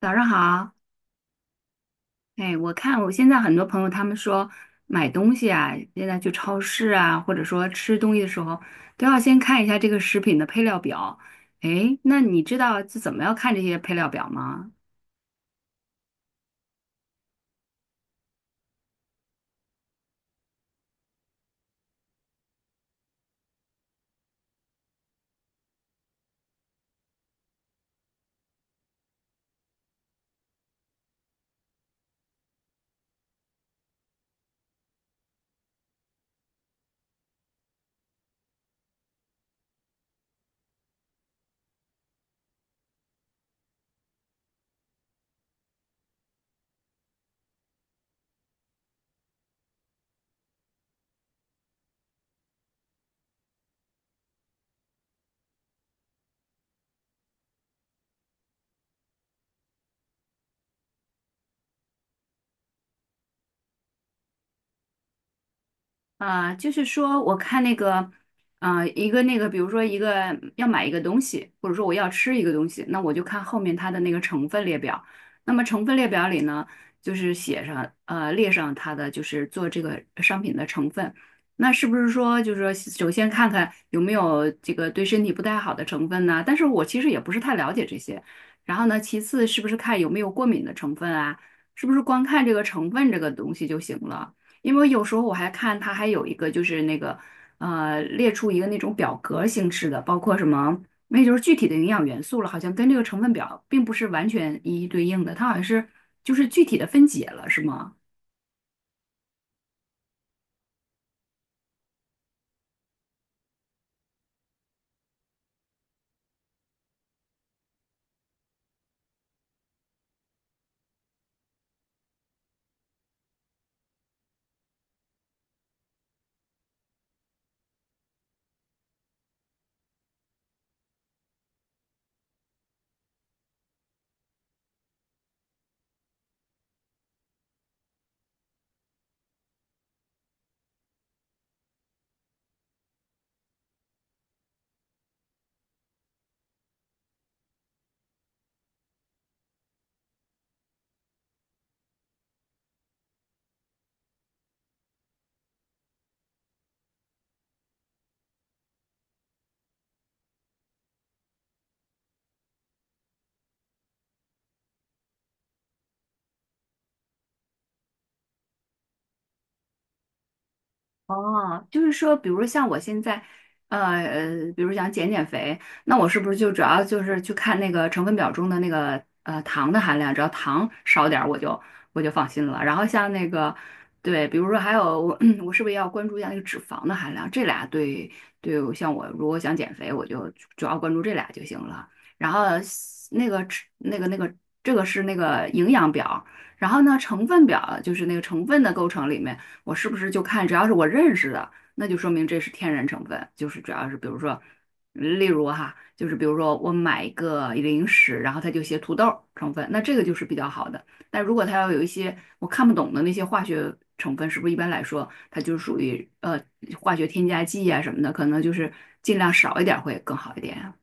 早上好，哎，我看我现在很多朋友他们说买东西啊，现在去超市啊，或者说吃东西的时候，都要先看一下这个食品的配料表。哎，那你知道这怎么要看这些配料表吗？啊，就是说，我看那个，啊、一个那个，比如说一个要买一个东西，或者说我要吃一个东西，那我就看后面它的那个成分列表。那么成分列表里呢，就是写上，列上它的就是做这个商品的成分。那是不是说，就是说，首先看看有没有这个对身体不太好的成分呢？但是我其实也不是太了解这些。然后呢，其次是不是看有没有过敏的成分啊？是不是光看这个成分这个东西就行了？因为有时候我还看它还有一个就是那个列出一个那种表格形式的，包括什么，那就是具体的营养元素了，好像跟这个成分表并不是完全一一对应的，它好像是就是具体的分解了，是吗？哦，就是说，比如像我现在，比如想减肥，那我是不是就主要就是去看那个成分表中的那个糖的含量，只要糖少点，我就放心了。然后像那个，对，比如说还有我，我是不是要关注一下那个脂肪的含量？这俩对对，像我如果想减肥，我就主要关注这俩就行了。然后那个脂那个那个这个是那个营养表，然后呢成分表就是那个成分的构成里面。我是不是就看只要是我认识的，那就说明这是天然成分，就是主要是比如说，例如哈，就是比如说我买一个零食，然后它就写土豆成分，那这个就是比较好的。但如果它要有一些我看不懂的那些化学成分，是不是一般来说它就属于化学添加剂啊什么的，可能就是尽量少一点会更好一点啊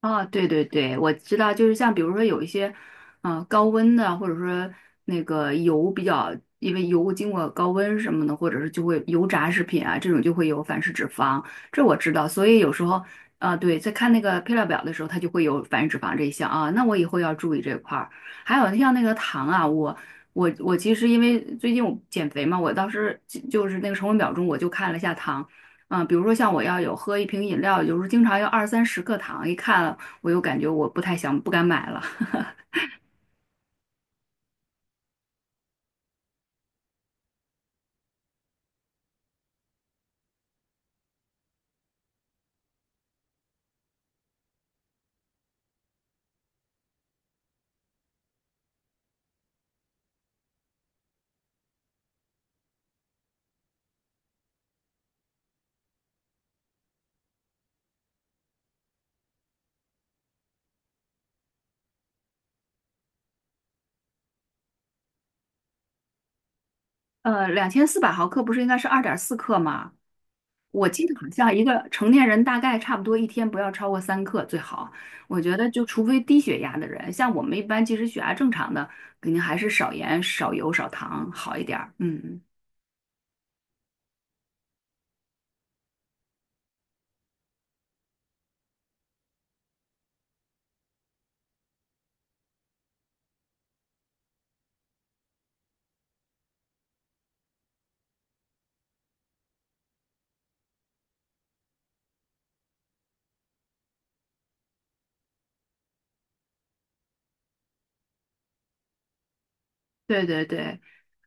啊，对对对，我知道，就是像比如说有一些，嗯、高温的，或者说那个油比较，因为油经过高温什么的，或者是就会油炸食品啊，这种就会有反式脂肪，这我知道。所以有时候，啊、对，在看那个配料表的时候，它就会有反式脂肪这一项啊，那我以后要注意这块儿。还有像那个糖啊，我其实因为最近我减肥嘛，我当时就是那个成分表中我就看了一下糖。嗯，比如说像我要有喝一瓶饮料，有时候经常要二三十克糖，一看我又感觉我不太想，不敢买了。2,400毫克不是应该是2.4克吗？我记得好像一个成年人大概差不多一天不要超过3克最好。我觉得就除非低血压的人，像我们一般其实血压正常的，肯定还是少盐、少油、少糖好一点儿。嗯，对对对。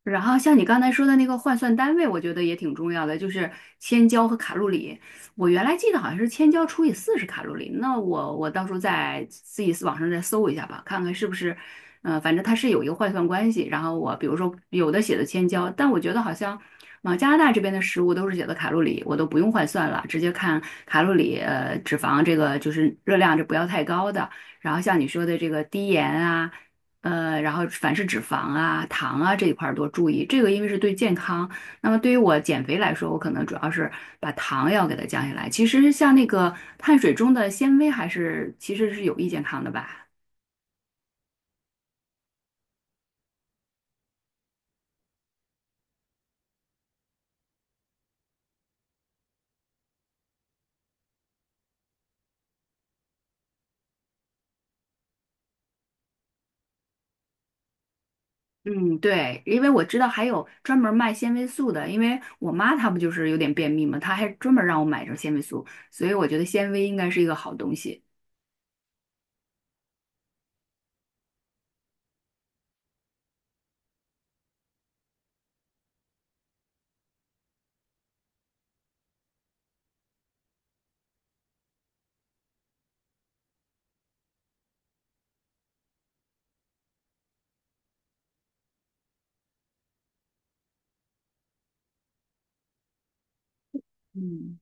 然后像你刚才说的那个换算单位，我觉得也挺重要的，就是千焦和卡路里。我原来记得好像是千焦除以40卡路里，那我到时候再自己网上再搜一下吧，看看是不是，反正它是有一个换算关系。然后我比如说有的写的千焦，但我觉得好像往加拿大这边的食物都是写的卡路里，我都不用换算了，直接看卡路里，脂肪这个就是热量，这不要太高的。然后像你说的这个低盐啊。然后凡是脂肪啊、糖啊这一块儿多注意，这个因为是对健康。那么对于我减肥来说，我可能主要是把糖要给它降下来。其实像那个碳水中的纤维还是其实是有益健康的吧。嗯，对，因为我知道还有专门卖纤维素的，因为我妈她不就是有点便秘嘛，她还专门让我买这个纤维素，所以我觉得纤维应该是一个好东西。嗯。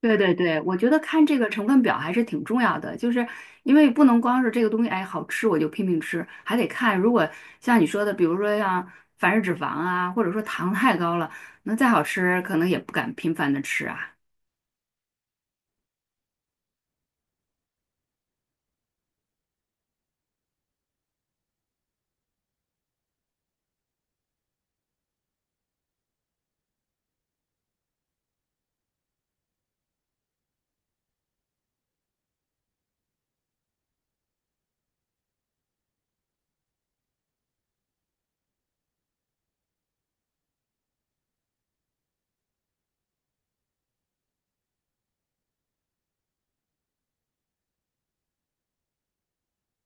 对对对，我觉得看这个成分表还是挺重要的，就是因为不能光是这个东西，哎，好吃我就拼命吃，还得看如果像你说的，比如说像反式脂肪啊，或者说糖太高了，那再好吃可能也不敢频繁的吃啊。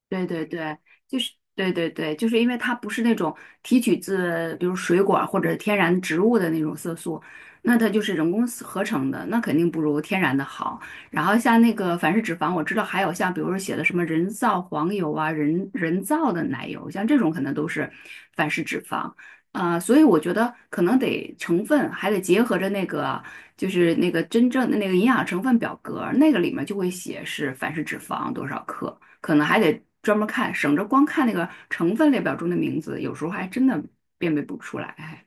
对对对，就是对对对，就是因为它不是那种提取自比如水果儿或者天然植物的那种色素，那它就是人工合成的，那肯定不如天然的好。然后像那个反式脂肪，我知道还有像比如说写的什么人造黄油啊、人造的奶油，像这种可能都是反式脂肪。啊、所以我觉得可能得成分还得结合着那个，就是那个真正的那个营养成分表格儿那个里面就会写是反式脂肪多少克，可能还得专门看，省着光看那个成分列表中的名字，有时候还真的辨别不出来。哎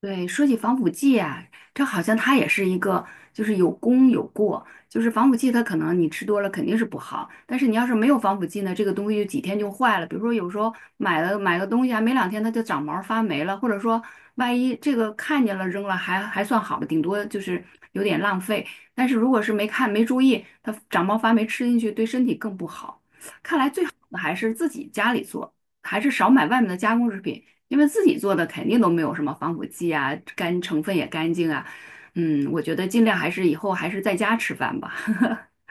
对，说起防腐剂啊，这好像它也是一个，就是有功有过。就是防腐剂，它可能你吃多了肯定是不好，但是你要是没有防腐剂呢，这个东西就几天就坏了。比如说有时候买个东西啊，没两天它就长毛发霉了，或者说万一这个看见了扔了还算好的，顶多就是有点浪费。但是如果是没看没注意，它长毛发霉吃进去对身体更不好。看来最好的还是自己家里做，还是少买外面的加工食品。因为自己做的肯定都没有什么防腐剂啊，干成分也干净啊。嗯，我觉得尽量还是以后还是在家吃饭吧。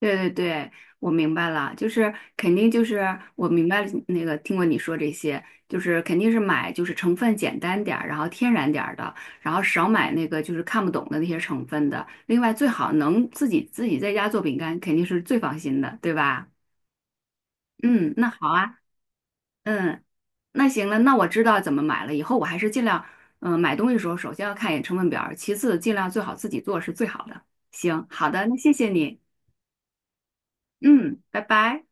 对对对，我明白了，就是肯定就是我明白了那个听过你说这些，就是肯定是买就是成分简单点儿，然后天然点儿的，然后少买那个就是看不懂的那些成分的。另外最好能自己在家做饼干，肯定是最放心的，对吧？嗯，那好啊，嗯。那行了，那我知道怎么买了。以后我还是尽量，嗯、买东西的时候首先要看一眼成分表儿其次尽量最好自己做是最好的。行，好的，那谢谢你，嗯，拜拜。